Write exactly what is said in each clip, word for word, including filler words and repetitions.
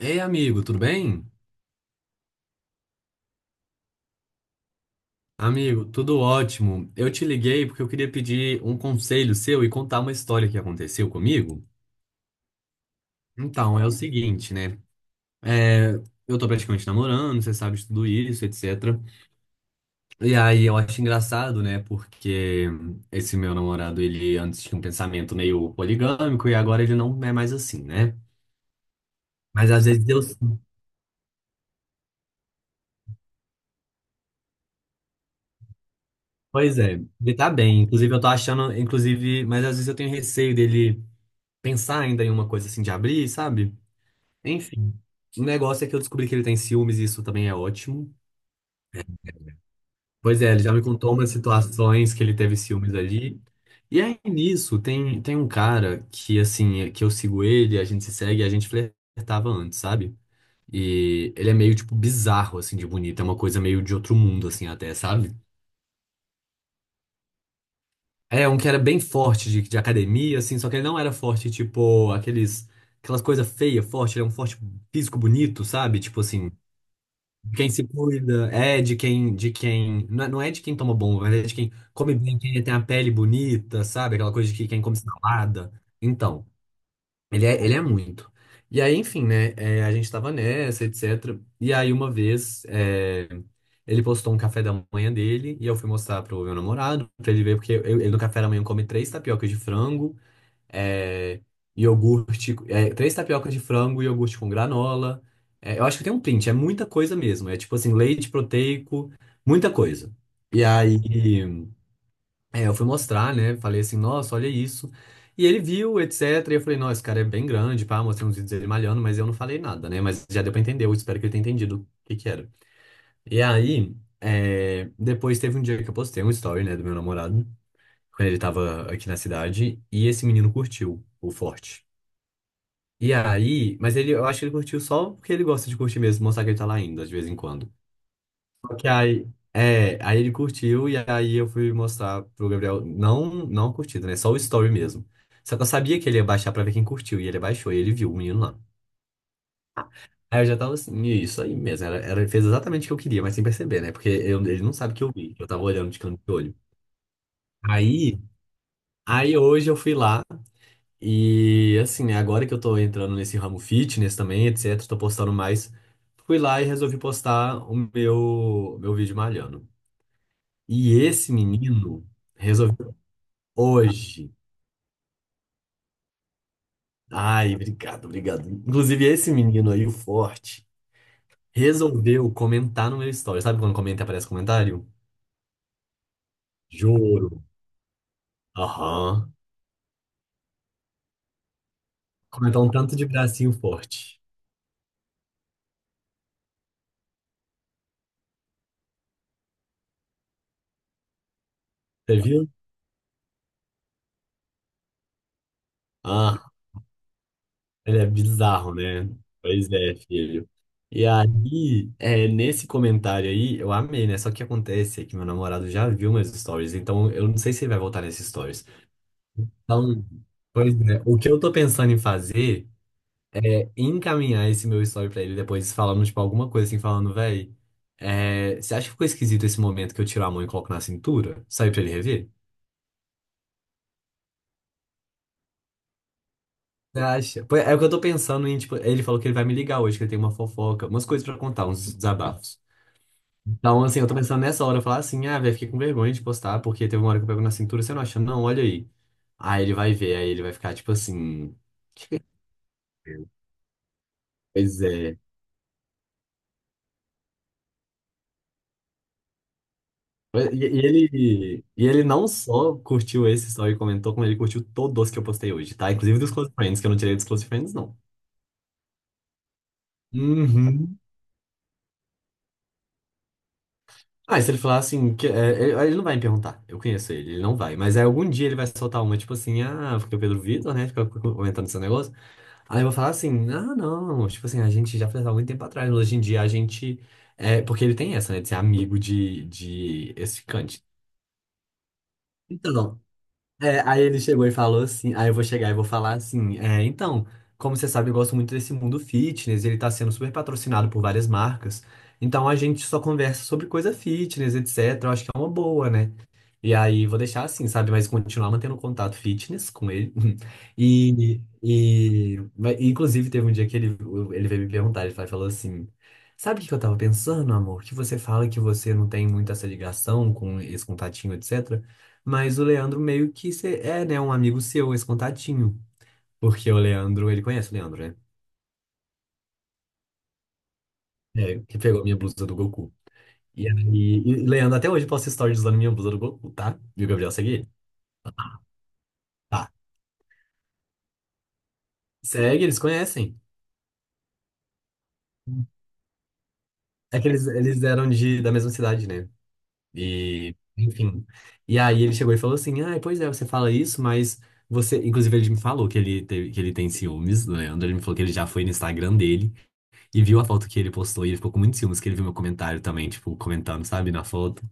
Ei, amigo, tudo bem? Amigo, tudo ótimo. Eu te liguei porque eu queria pedir um conselho seu e contar uma história que aconteceu comigo. Então, é o seguinte, né? É, eu tô praticamente namorando, você sabe de tudo isso, etcétera. E aí eu acho engraçado, né? Porque esse meu namorado, ele antes tinha um pensamento meio poligâmico e agora ele não é mais assim, né? Mas às vezes eu. Pois é, ele tá bem. Inclusive, eu tô achando, inclusive, mas às vezes eu tenho receio dele pensar ainda em uma coisa assim de abrir, sabe? Enfim, o negócio é que eu descobri que ele tem ciúmes e isso também é ótimo. Pois é, ele já me contou umas situações que ele teve ciúmes ali. E aí nisso, tem, tem um cara que, assim, é, que eu sigo ele, a gente se segue, a gente flertava antes, sabe? E ele é meio, tipo, bizarro, assim, de bonito. É uma coisa meio de outro mundo, assim, até, sabe? É um que era bem forte de, de academia, assim, só que ele não era forte, tipo, aqueles, aquelas coisas feias, forte. Ele é um forte físico bonito, sabe? Tipo assim. Quem se cuida, é de quem, de quem, não é não é de quem toma bomba, mas é de quem come bem, quem tem a pele bonita, sabe? Aquela coisa de que quem come salada. Então, ele é, ele é muito. E aí, enfim, né? É, a gente tava nessa, etcétera. E aí, uma vez, é, ele postou um café da manhã dele e eu fui mostrar pro meu namorado, pra ele ver, porque eu- ele no café da manhã come três tapiocas de frango, é, iogurte, é, três tapiocas de frango, iogurte com granola. É, eu acho que tem um print, é muita coisa mesmo. É tipo assim, leite proteico, muita coisa. E aí é, eu fui mostrar, né? Falei assim, nossa, olha isso. E ele viu, etcétera. E eu falei, nossa, esse cara é bem grande, pá, mostrei uns vídeos dele malhando, mas eu não falei nada, né? Mas já deu pra entender, eu espero que ele tenha entendido o que que era. E aí, é, depois teve um dia que eu postei um story, né, do meu namorado, quando ele tava aqui na cidade, e esse menino curtiu o forte. E aí, mas ele, eu acho que ele curtiu só porque ele gosta de curtir mesmo, mostrar que ele tá lá indo, de vez em quando. Só que aí, é, aí ele curtiu e aí eu fui mostrar pro Gabriel, não, não curtido, né? Só o story mesmo. Só que eu sabia que ele ia baixar pra ver quem curtiu, e ele baixou, e ele viu o menino lá. Aí eu já tava assim, isso aí mesmo, era, era, ele fez exatamente o que eu queria, mas sem perceber, né? Porque eu- ele não sabe que eu vi, que eu tava olhando de canto de olho. Aí, aí hoje eu fui lá. E assim, né, agora que eu tô entrando nesse ramo fitness também, etc, tô postando mais. Fui lá e resolvi postar o meu meu vídeo malhando. E esse menino resolveu hoje. Ai, obrigado, obrigado. Inclusive esse menino aí, o forte, resolveu comentar no meu story. Sabe quando comenta e aparece comentário? Juro. Aham. Comentar um tanto de bracinho forte. Você viu? Ele é bizarro, né? Pois é, filho. E aí, é, nesse comentário aí, eu amei, né? Só que acontece é que meu namorado já viu meus stories, então eu não sei se ele vai voltar nesses stories. Então, pois é, o que eu tô pensando em fazer é encaminhar esse meu story pra ele depois, falando, tipo, alguma coisa assim, falando, véi, é, você acha que ficou esquisito esse momento que eu tiro a mão e coloco na cintura? Sai pra ele rever? Você acha? Pô, é o que eu tô pensando em, tipo, ele falou que ele vai me ligar hoje, que ele tem uma fofoca, umas coisas pra contar, uns desabafos. Então, assim, eu tô pensando nessa hora, eu falar assim, ah, velho, fiquei com vergonha de postar, porque teve uma hora que eu pego na cintura, você não acha? Não, olha aí. Aí ele vai ver, aí ele vai ficar tipo assim. Pois é. E, e ele, e ele não só curtiu esse story e comentou, como ele curtiu todos que eu postei hoje, tá? Inclusive dos Close Friends, que eu não tirei dos Close Friends, não. Uhum. Ah, e se ele falar assim, que, é, ele, ele não vai me perguntar, eu conheço ele, ele não vai. Mas aí algum dia ele vai soltar uma, tipo assim, ah, porque o Pedro Vitor, né, fica comentando esse negócio. Aí eu vou falar assim, ah, não, tipo assim, a gente já fez há muito tempo atrás, mas hoje em dia a gente. É, porque ele tem essa, né, de ser amigo de, de ex-ficante. Então, é, aí ele chegou e falou assim, aí eu vou chegar e vou falar assim, é, então, como você sabe, eu gosto muito desse mundo fitness, ele tá sendo super patrocinado por várias marcas, então a gente só conversa sobre coisa fitness, etcétera. Eu acho que é uma boa, né? E aí vou deixar assim, sabe? Mas continuar mantendo contato fitness com ele. E, e, mas, inclusive teve um dia que ele, ele veio me perguntar, ele falou assim, sabe o que que eu tava pensando, amor? Que você fala que você não tem muito essa ligação com esse contatinho, etcétera. Mas o Leandro meio que cê- é, né, um amigo seu, esse contatinho. Porque o Leandro, ele conhece o Leandro, né? É, que pegou minha blusa do Goku. E aí, e Leandro até hoje posta stories usando minha blusa do Goku, tá? E o Gabriel segue ele? Tá. Segue, eles conhecem. É que eles, eles eram de, da mesma cidade, né? E, enfim. E aí ele chegou e falou assim: ah, pois é, você fala isso, mas você. Inclusive, ele me falou que ele, teve, que ele tem ciúmes do Leandro. Ele me falou que ele já foi no Instagram dele e viu a foto que ele postou e ele ficou com muitos ciúmes, que ele viu meu comentário também, tipo, comentando, sabe, na foto.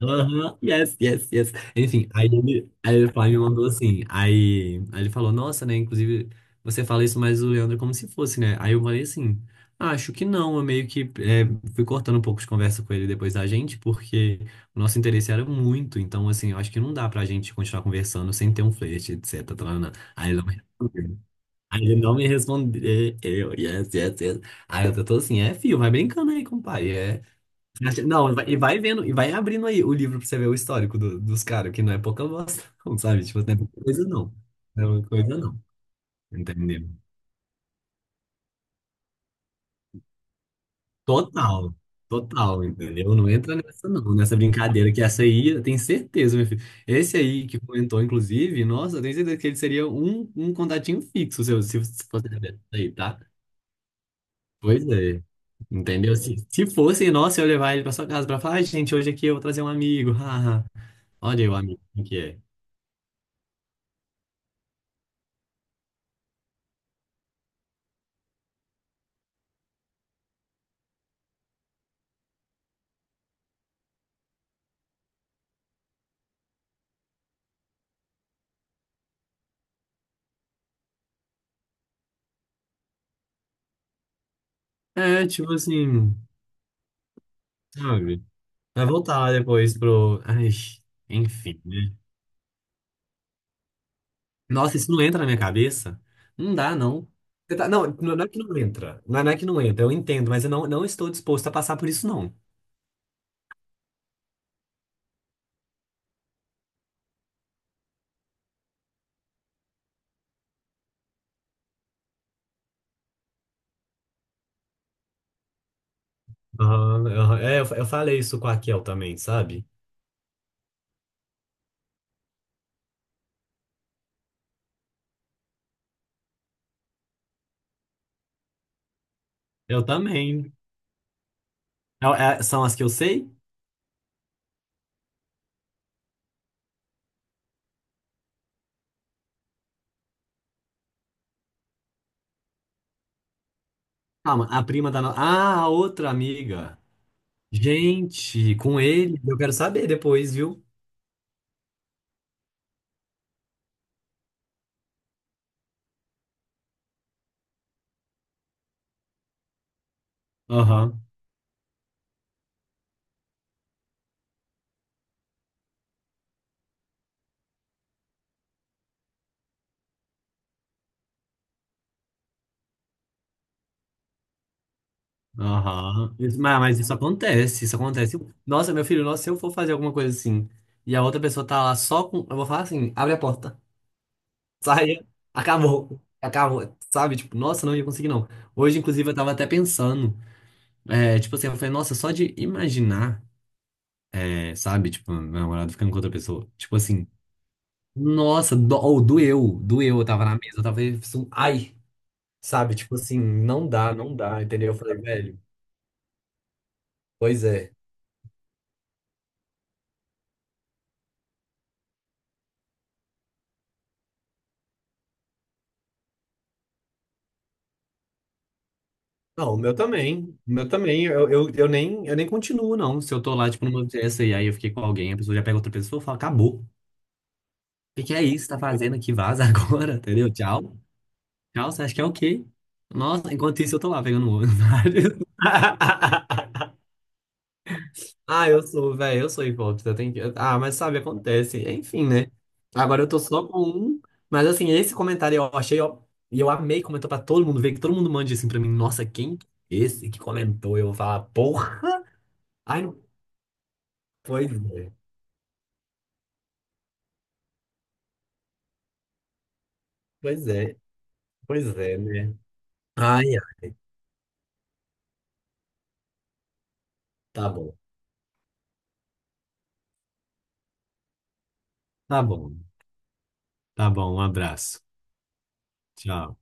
Aham, yes, yes, yes. Enfim, aí ele, aí o pai me mandou assim. Aí, aí ele falou, nossa, né? Inclusive, você fala isso, mas o Leandro é como se fosse, né? Aí eu falei assim, "Ah, acho que não. Eu meio que é, fui cortando um pouco de conversa com ele depois da gente, porque o nosso interesse era muito. Então, assim, eu acho que não dá pra gente continuar conversando sem ter um flerte, etcétera taraná." Aí ele não me respondeu. Aí ele não me respondeu. Eu, yes, yes, yes. Aí eu tô assim, é, filho, vai brincando aí com o pai. É." Assim, não, e vai e vai vendo, e vai abrindo aí o livro pra você ver o histórico do- dos caras, que não é pouca bosta, não, sabe? Tipo, não é pouca coisa não. Não é pouca coisa não, entendeu? Total, total, entendeu? Não entra nessa não, nessa brincadeira, que essa aí, eu tenho certeza, meu filho. Esse aí que comentou, inclusive, nossa, eu tenho certeza que ele seria um, um contatinho fixo, se, eu- se fosse aí, tá? Pois é. Entendeu? Se, se fosse, nossa, eu ia levar ele pra sua casa pra falar, "Ai, gente, hoje aqui eu vou trazer um amigo. Haha." Olha aí o amigo que é. É, tipo assim, sabe? Vai voltar lá depois pro. Ai, enfim, né? Nossa, isso não entra na minha cabeça? Não dá, não. Você tá- Não, não é que não entra. Não é não é que não entra, eu entendo, mas eu não, não estou disposto a passar por isso, não. Aham, aham. É, eu, fa- eu falei isso com a Kel também, sabe? Eu também. É- é- São as que eu sei? Calma, a prima da. no- Ah, a outra amiga. Gente, com ele, eu quero saber depois, viu? Aham. Aham. Isso- Mas, mas isso acontece, isso acontece. Nossa, meu filho, nossa, se eu for fazer alguma coisa assim e a outra pessoa tá lá só com. Eu vou falar assim: abre a porta, saia, acabou, acabou, sabe? Tipo, nossa, não ia conseguir não. Hoje, inclusive, eu tava até pensando, é, tipo assim, eu falei, nossa, só de imaginar, é, sabe? Tipo, meu namorado ficando com outra pessoa. Tipo assim, nossa, do, ou doeu, doeu. Eu tava na mesa, eu tava. Assim, ai, sabe? Tipo assim, não dá, não dá, entendeu? Eu falei, velho, pois é. Não, o meu também. O meu também. Eu, eu, eu nem, eu nem continuo, não. Se eu tô lá, tipo, numa festa e aí eu fiquei com alguém, a pessoa já pega outra pessoa e fala, acabou. O que que é isso? Que tá fazendo aqui? Vaza agora, entendeu? Tchau. Tchau, você acha que é o quê? Nossa, enquanto isso eu tô lá pegando o olho. Ah, eu sou, velho, eu sou hipócrita. Eu que... Ah, mas sabe, acontece. Enfim, né? Agora eu tô só com um. Mas assim, esse comentário eu achei, ó. E eu amei, comentou pra todo mundo ver, que todo mundo mande assim pra mim. Nossa, quem? Esse que comentou, eu vou falar, porra. Ai, pois é, pois é, pois é, né? Ai, ai, tá bom, tá bom, tá bom, um abraço. Tchau.